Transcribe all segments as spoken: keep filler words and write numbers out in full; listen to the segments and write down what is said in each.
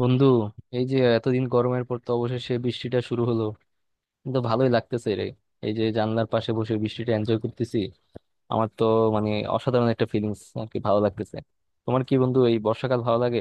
বন্ধু, এই যে এতদিন গরমের পর তো অবশেষে বৃষ্টিটা শুরু হলো। কিন্তু ভালোই লাগতেছে রে। এই যে জানলার পাশে বসে বৃষ্টিটা এনজয় করতেছি। আমার তো মানে অসাধারণ একটা ফিলিংস আর কি, ভালো লাগতেছে। তোমার কি বন্ধু এই বর্ষাকাল ভালো লাগে?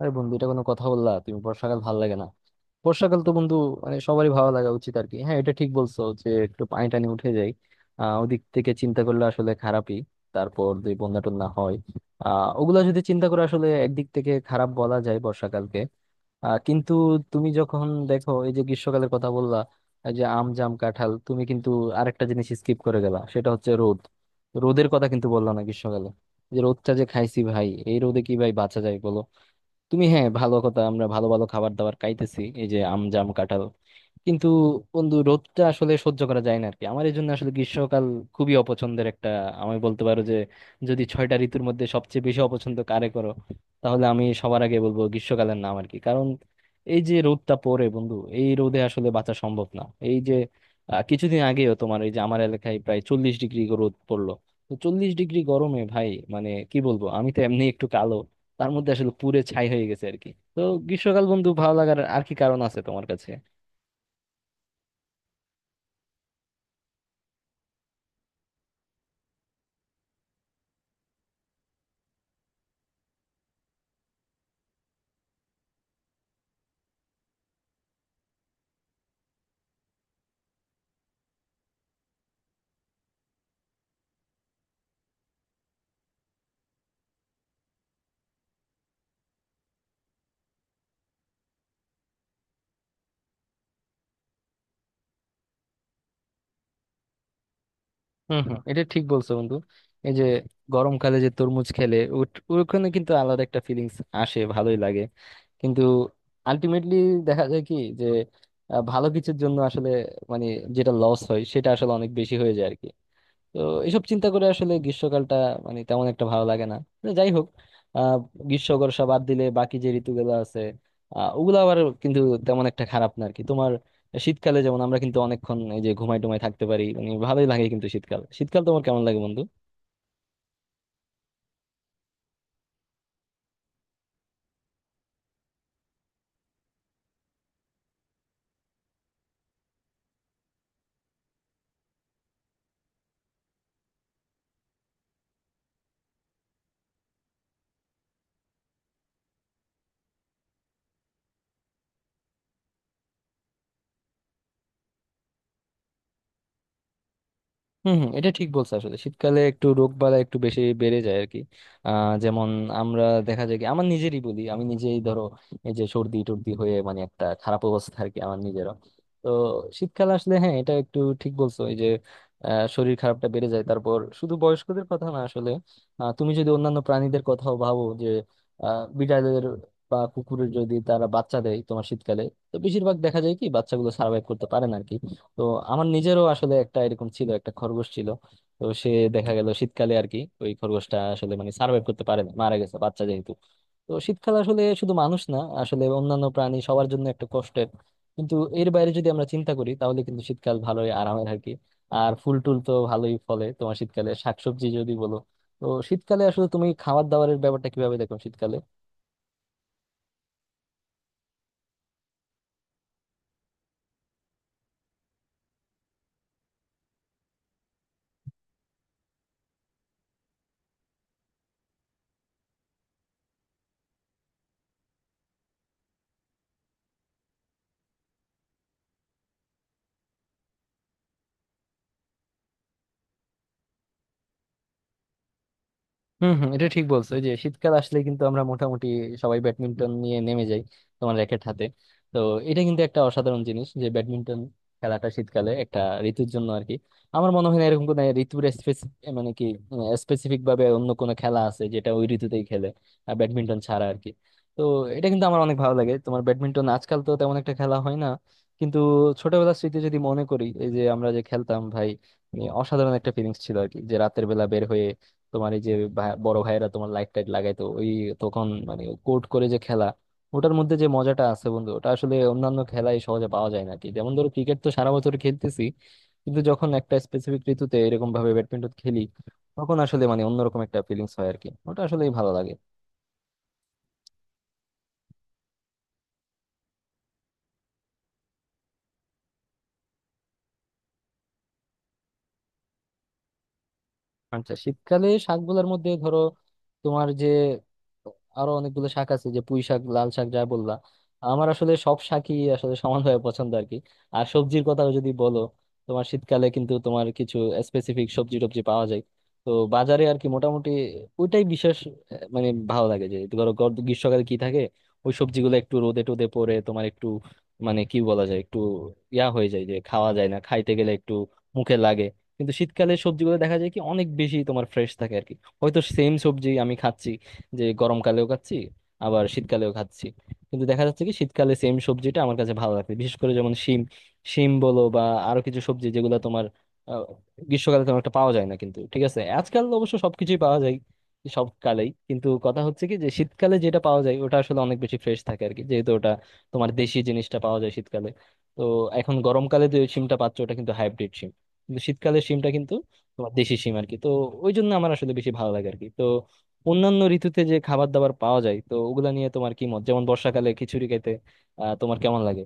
আরে বন্ধু, এটা কোনো কথা বললা? তুমি বর্ষাকাল ভালো লাগে না? বর্ষাকাল তো বন্ধু মানে সবারই ভালো লাগা উচিত আর কি। হ্যাঁ, এটা ঠিক বলছো যে একটু পানি টানি উঠে যায়। আহ ওদিক থেকে চিন্তা করলে আসলে খারাপই। তারপর যদি বন্যা টন্যা হয়, আহ ওগুলা যদি চিন্তা করে আসলে একদিক থেকে খারাপ বলা যায় বর্ষাকালকে। আহ কিন্তু তুমি যখন দেখো এই যে গ্রীষ্মকালের কথা বললা, এই যে আম জাম কাঁঠাল, তুমি কিন্তু আরেকটা জিনিস স্কিপ করে গেলা, সেটা হচ্ছে রোদ। রোদের কথা কিন্তু বললা না গ্রীষ্মকালে। যে রোদটা যে খাইছি ভাই, এই রোদে কি ভাই বাঁচা যায় বলো? তুমি হ্যাঁ, ভালো কথা, আমরা ভালো ভালো খাবার দাবার খাইতেছি, এই যে আম জাম কাঁঠাল, কিন্তু বন্ধু রোদটা আসলে সহ্য করা যায় না আর কি। আমার এই জন্য আসলে গ্রীষ্মকাল খুবই অপছন্দের একটা। আমি বলতে পারো যে যদি ছয়টা ঋতুর মধ্যে সবচেয়ে বেশি অপছন্দ কারে করো, তাহলে আমি সবার আগে বলবো গ্রীষ্মকালের নাম আর কি। কারণ এই যে রোদটা পড়ে বন্ধু, এই রোদে আসলে বাঁচা সম্ভব না। এই যে আহ, কিছুদিন আগেও তোমার এই যে আমার এলাকায় প্রায় চল্লিশ ডিগ্রি রোদ পড়লো। তো চল্লিশ ডিগ্রি গরমে ভাই মানে কি বলবো, আমি তো এমনি একটু কালো, তার মধ্যে আসলে পুড়ে ছাই হয়ে গেছে আর কি। তো গ্রীষ্মকাল বন্ধু ভালো লাগার আর কি কারণ আছে তোমার কাছে? হম হম, এটা ঠিক বলছো বন্ধু। এই যে গরমকালে যে তরমুজ খেলে ওট- ওখানে কিন্তু আলাদা একটা ফিলিংস আসে, ভালোই লাগে। কিন্তু আলটিমেটলি দেখা যায় কি যে আহ, ভালো কিছুর জন্য আসলে মানে যেটা লস হয় সেটা আসলে অনেক বেশি হয়ে যায় আর কি। তো এসব চিন্তা করে আসলে গ্রীষ্মকালটা মানে তেমন একটা ভালো লাগে না। তো যাই হোক, আহ গ্রীষ্ম বর্ষা বাদ দিলে বাকি যে ঋতুগুলো আছে আহ ওগুলো আবার কিন্তু তেমন একটা খারাপ না আর কি। তোমার শীতকালে যেমন আমরা কিন্তু অনেকক্ষণ এই যে ঘুমাই টুমাই থাকতে পারি, মানে ভালোই লাগে। কিন্তু শীতকাল শীতকাল তোমার কেমন লাগে বন্ধু? হম হম, এটা ঠিক বলছো। আসলে শীতকালে একটু রোগ বালা একটু বেশি বেড়ে যায় আর কি। আহ যেমন আমরা দেখা যায় কি, আমার নিজেরই বলি, আমি নিজেই ধরো এই যে সর্দি টর্দি হয়ে মানে একটা খারাপ অবস্থা আর কি আমার নিজেরও। তো শীতকাল আসলে হ্যাঁ, এটা একটু ঠিক বলছো। এই যে আহ, শরীর খারাপটা বেড়ে যায়। তারপর শুধু বয়স্কদের কথা না আসলে, আহ, তুমি যদি অন্যান্য প্রাণীদের কথাও ভাবো, যে আহ বিড়ালের বা কুকুরের যদি তারা বাচ্চা দেয় তোমার শীতকালে, তো বেশিরভাগ দেখা যায় কি বাচ্চাগুলো সার্ভাইভ করতে পারে না আর কি। তো আমার নিজেরও আসলে একটা এরকম ছিল, একটা খরগোশ ছিল। তো সে, দেখা গেল শীতকালে আর কি, ওই খরগোশটা আসলে মানে সার্ভাইভ করতে পারে না, মারা গেছে, বাচ্চা যেহেতু। তো শীতকাল আসলে শুধু মানুষ না আসলে অন্যান্য প্রাণী সবার জন্য একটা কষ্টের। কিন্তু এর বাইরে যদি আমরা চিন্তা করি তাহলে কিন্তু শীতকাল ভালোই, আরামের আর কি। আর ফুল টুল তো ভালোই ফলে তোমার শীতকালে, শাকসবজি যদি বলো। তো শীতকালে আসলে তুমি খাবার দাবারের ব্যাপারটা কিভাবে দেখো শীতকালে? হম হম, এটা ঠিক বলছো। এই যে শীতকাল আসলে কিন্তু আমরা মোটামুটি সবাই ব্যাডমিন্টন নিয়ে নেমে যাই তোমার র্যাকেট হাতে। তো এটা কিন্তু একটা অসাধারণ জিনিস, যে ব্যাডমিন্টন খেলাটা শীতকালে, একটা ঋতুর জন্য আর কি। আমার মনে হয় না এরকম কোনো ঋতুর স্পেসিফিক মানে কি, স্পেসিফিক ভাবে অন্য কোনো খেলা আছে যেটা ওই ঋতুতেই খেলে আর ব্যাডমিন্টন ছাড়া আর কি। তো এটা কিন্তু আমার অনেক ভালো লাগে। তোমার ব্যাডমিন্টন আজকাল তো তেমন একটা খেলা হয় না, কিন্তু ছোটবেলার স্মৃতি যদি মনে করি এই যে আমরা যে খেলতাম ভাই, এ অসাধারণ একটা ফিলিংস ছিল আর কি। যে রাতের বেলা বের হয়ে তোমার এই যে ভাই- বড় ভাইয়েরা তোমার লাইট টাইট লাগাইতো, ওই তখন মানে কোর্ট করে যে খেলা, ওটার মধ্যে যে মজাটা আছে বন্ধু ওটা আসলে অন্যান্য খেলায় সহজে পাওয়া যায় না আর কি। যেমন ধরো ক্রিকেট তো সারা বছর খেলতেছি, কিন্তু যখন একটা স্পেসিফিক ঋতুতে এরকম ভাবে ব্যাডমিন্টন খেলি, তখন আসলে মানে অন্যরকম একটা ফিলিংস হয় আর কি, ওটা আসলেই ভালো লাগে। আচ্ছা, শীতকালে শাকগুলোর মধ্যে ধরো তোমার যে আরো অনেকগুলো শাক আছে, যে পুঁই শাক লাল শাক যা বললা, আমার আসলে সব শাকই আসলে সমানভাবে পছন্দ আর কি। আর সবজির কথা যদি বলো, তোমার শীতকালে কিন্তু তোমার কিছু স্পেসিফিক সবজি টবজি পাওয়া যায়। তো বাজারে আর কি, মোটামুটি ওইটাই বিশেষ আহ, মানে ভালো লাগে যে। ধরো গর- গ্রীষ্মকালে কি থাকে, ওই সবজিগুলো একটু রোদে টোদে পড়ে তোমার একটু মানে কি বলা যায়, একটু ইয়া হয়ে যায় যে খাওয়া যায় না, খাইতে গেলে একটু মুখে লাগে। কিন্তু শীতকালে সবজিগুলো দেখা যায় কি অনেক বেশি তোমার ফ্রেশ থাকে আর কি। হয়তো সেম সবজি আমি খাচ্ছি যে গরমকালেও খাচ্ছি, আবার শীতকালেও খাচ্ছি। কিন্তু দেখা যাচ্ছে কি শীতকালে সেম সবজিটা আমার কাছে ভালো লাগে, বিশেষ করে যেমন শিম। শিম বলো বা আরো কিছু সবজি যেগুলো তোমার আহ, গ্রীষ্মকালে তেমন একটা পাওয়া যায় না। কিন্তু ঠিক আছে, আজকাল অবশ্য সবকিছুই পাওয়া যায় সব কালেই। কিন্তু কথা হচ্ছে কি যে শীতকালে যেটা পাওয়া যায় ওটা আসলে অনেক বেশি ফ্রেশ থাকে আর কি, যেহেতু ওটা তোমার দেশি জিনিসটা পাওয়া যায় শীতকালে। তো এখন গরমকালে যে শিমটা পাচ্ছ ওটা কিন্তু হাইব্রিড, কিন্তু শীতকালের শিমটা কিন্তু তোমার দেশি শিম আর কি। তো ওই জন্য আমার আসলে বেশি ভালো লাগে আর কি। তো অন্যান্য ঋতুতে যে খাবার দাবার পাওয়া যায় তো ওগুলা নিয়ে তোমার কি মত, যেমন বর্ষাকালে খিচুড়ি খেতে আহ তোমার কেমন লাগে?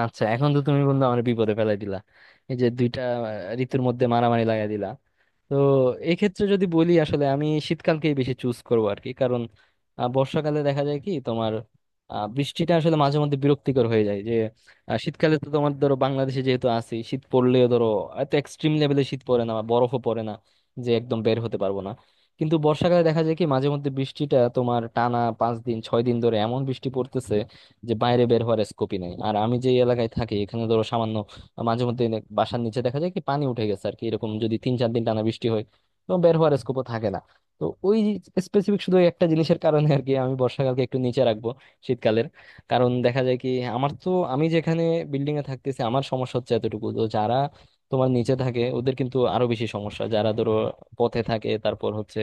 আচ্ছা, এখন তো তুমি বন্ধু আমার বিপদে ফেলাই দিলা। এই যে দুইটা আহ, ঋতুর মধ্যে মারামারি লাগাই দিলা। তো এই ক্ষেত্রে যদি বলি আসলে আমি শীতকালকেই বেশি চুজ করবো আর কি। কারণ আহ, বর্ষাকালে দেখা যায় কি তোমার আহ, বৃষ্টিটা আসলে মাঝে মধ্যে বিরক্তিকর হয়ে যায়। যে আহ, শীতকালে তো তোমার ধরো বাংলাদেশে যেহেতু আছি, শীত পড়লেও ধরো এত এক্সট্রিম লেভেলে শীত পড়ে না, বা বরফও পড়ে না, যে একদম বের হতে পারবো না। কিন্তু বর্ষাকালে দেখা যায় কি মাঝে মধ্যে বৃষ্টিটা তোমার টানা পাঁচ দিন ছয় দিন ধরে এমন বৃষ্টি পড়তেছে যে বাইরে বের হওয়ার স্কোপই নাই। আর আমি যে এলাকায় থাকি এখানে ধরো সামান্য মাঝে মধ্যে নে- বাসার নিচে দেখা যায় কি পানি উঠে গেছে আর কি। এরকম যদি তিন চার দিন টানা বৃষ্টি হয়, তো বের হওয়ার স্কোপও থাকে না। তো ওই স্পেসিফিক শুধু ওই একটা জিনিসের কারণে আর কি আমি বর্ষাকালকে একটু নিচে রাখবো শীতকালের। কারণ দেখা যায় কি আমার তো, আমি যেখানে বিল্ডিং এ থাকতেছি আমার সমস্যা হচ্ছে এতটুকু। তো যারা তোমার নিচে থাকে ওদের কিন্তু আরো বেশি সমস্যা, যারা ধরো পথে থাকে, তারপর হচ্ছে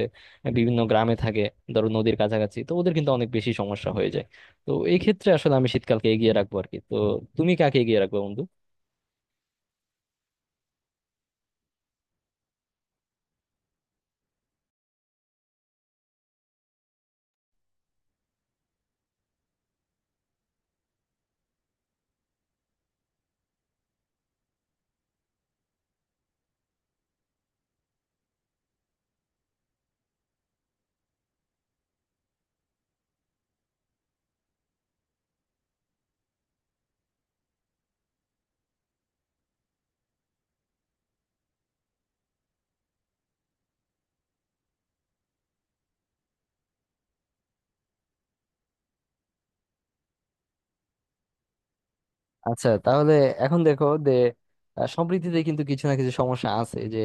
বিভিন্ন গ্রামে থাকে, ধরো নদীর কাছাকাছি, তো ওদের কিন্তু অনেক বেশি সমস্যা হয়ে যায়। তো এই ক্ষেত্রে আসলে আমি শীতকালকে এগিয়ে রাখবো আর কি। তো তুমি কাকে এগিয়ে রাখবে বন্ধু? আচ্ছা, তাহলে এখন দেখো যে আহ, সব ঋতুতে কিন্তু কিছু না কিছু সমস্যা আছে। যে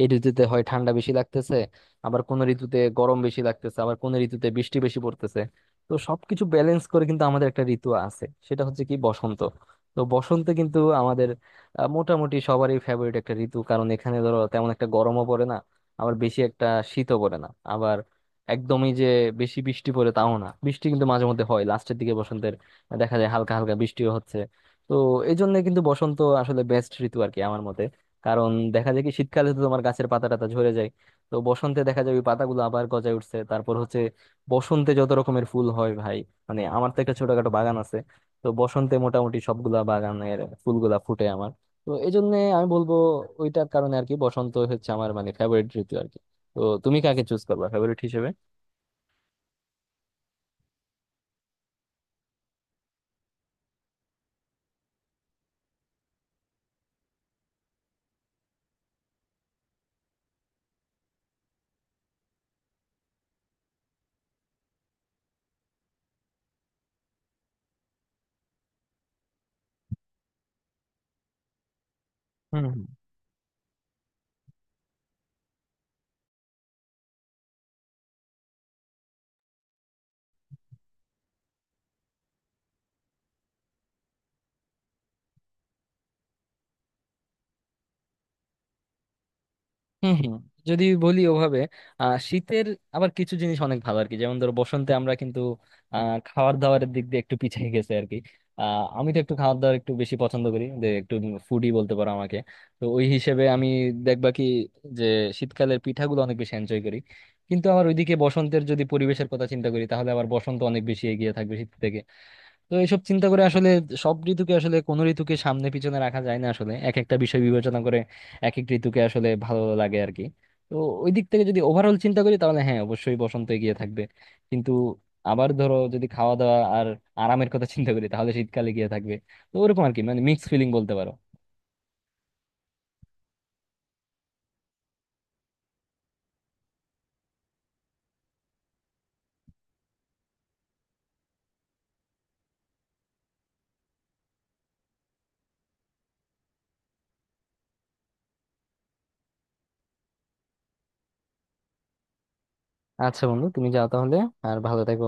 এই ঋতুতে হয় ঠান্ডা বেশি লাগতেছে, আবার কোন ঋতুতে গরম বেশি লাগতেছে, আবার কোন ঋতুতে বৃষ্টি বেশি পড়তেছে। তো সবকিছু ব্যালেন্স করে কিন্তু আমাদের একটা ঋতু আছে, সেটা হচ্ছে কি বসন্ত। তো বসন্তে কিন্তু আমাদের আহ, মোটামুটি সবারই ফেভারিট একটা ঋতু। কারণ এখানে ধরো তেমন একটা গরমও পড়ে না, আবার বেশি একটা শীতও পড়ে না, আবার একদমই যে বেশি বৃষ্টি পড়ে তাও না। বৃষ্টি কিন্তু মাঝে মধ্যে হয়, লাস্টের দিকে বসন্তের দেখা যায় হালকা হালকা বৃষ্টিও হচ্ছে। তো এই জন্য কিন্তু বসন্ত আসলে বেস্ট ঋতু আর কি আমার মতে। কারণ দেখা যায় কি শীতকালে তো তোমার গাছের পাতা টাতা ঝরে যায়, তো বসন্তে দেখা যায় ওই পাতাগুলো আবার গজায় উঠছে। তারপর হচ্ছে বসন্তে যত রকমের ফুল হয় ভাই, মানে আমার তো একটা ছোটখাটো বাগান আছে, তো বসন্তে মোটামুটি সবগুলা বাগানের ফুলগুলা ফুটে আমার। তো এই জন্য আমি বলবো ওইটার কারণে আর কি বসন্ত হচ্ছে আমার মানে ফেভারিট ঋতু আর কি। তো তুমি কাকে চুজ করবা ফেভারিট হিসেবে? হম হম, যদি বলি ওভাবে, আহ শীতের আবার কিছু জিনিস অনেক ভালো আর কি। যেমন ধরো বসন্তে আমরা কিন্তু আহ খাবার দাবারের দিক দিয়ে একটু পিছিয়ে গেছে আর কি। আহ আমি তো একটু খাবার দাবার একটু বেশি পছন্দ করি, যে একটু ফুডি বলতে পারো আমাকে। তো ওই হিসেবে আমি দেখবা কি যে শীতকালের পিঠাগুলো অনেক বেশি এনজয় করি। কিন্তু আবার ওইদিকে বসন্তের যদি পরিবেশের কথা চিন্তা করি তাহলে আবার বসন্ত অনেক বেশি এগিয়ে থাকবে শীত থেকে। তো এইসব চিন্তা করে আসলে সব ঋতুকে আসলে, কোন ঋতুকে সামনে পিছনে রাখা যায় না আসলে। এক একটা বিষয় বিবেচনা করে এক এক ঋতুকে আসলে ভালো লাগে আর কি। তো ওই দিক থেকে যদি ওভারঅল চিন্তা করি তাহলে হ্যাঁ, অবশ্যই বসন্ত এগিয়ে থাকবে। কিন্তু আবার ধরো যদি খাওয়া দাওয়া আর আরামের কথা চিন্তা করি, তাহলে শীতকালে গিয়ে থাকবে। তো ওরকম আর কি, মানে মিক্স ফিলিং বলতে পারো। আচ্ছা বন্ধু, তুমি যাও তাহলে। আর ভালো থেকো।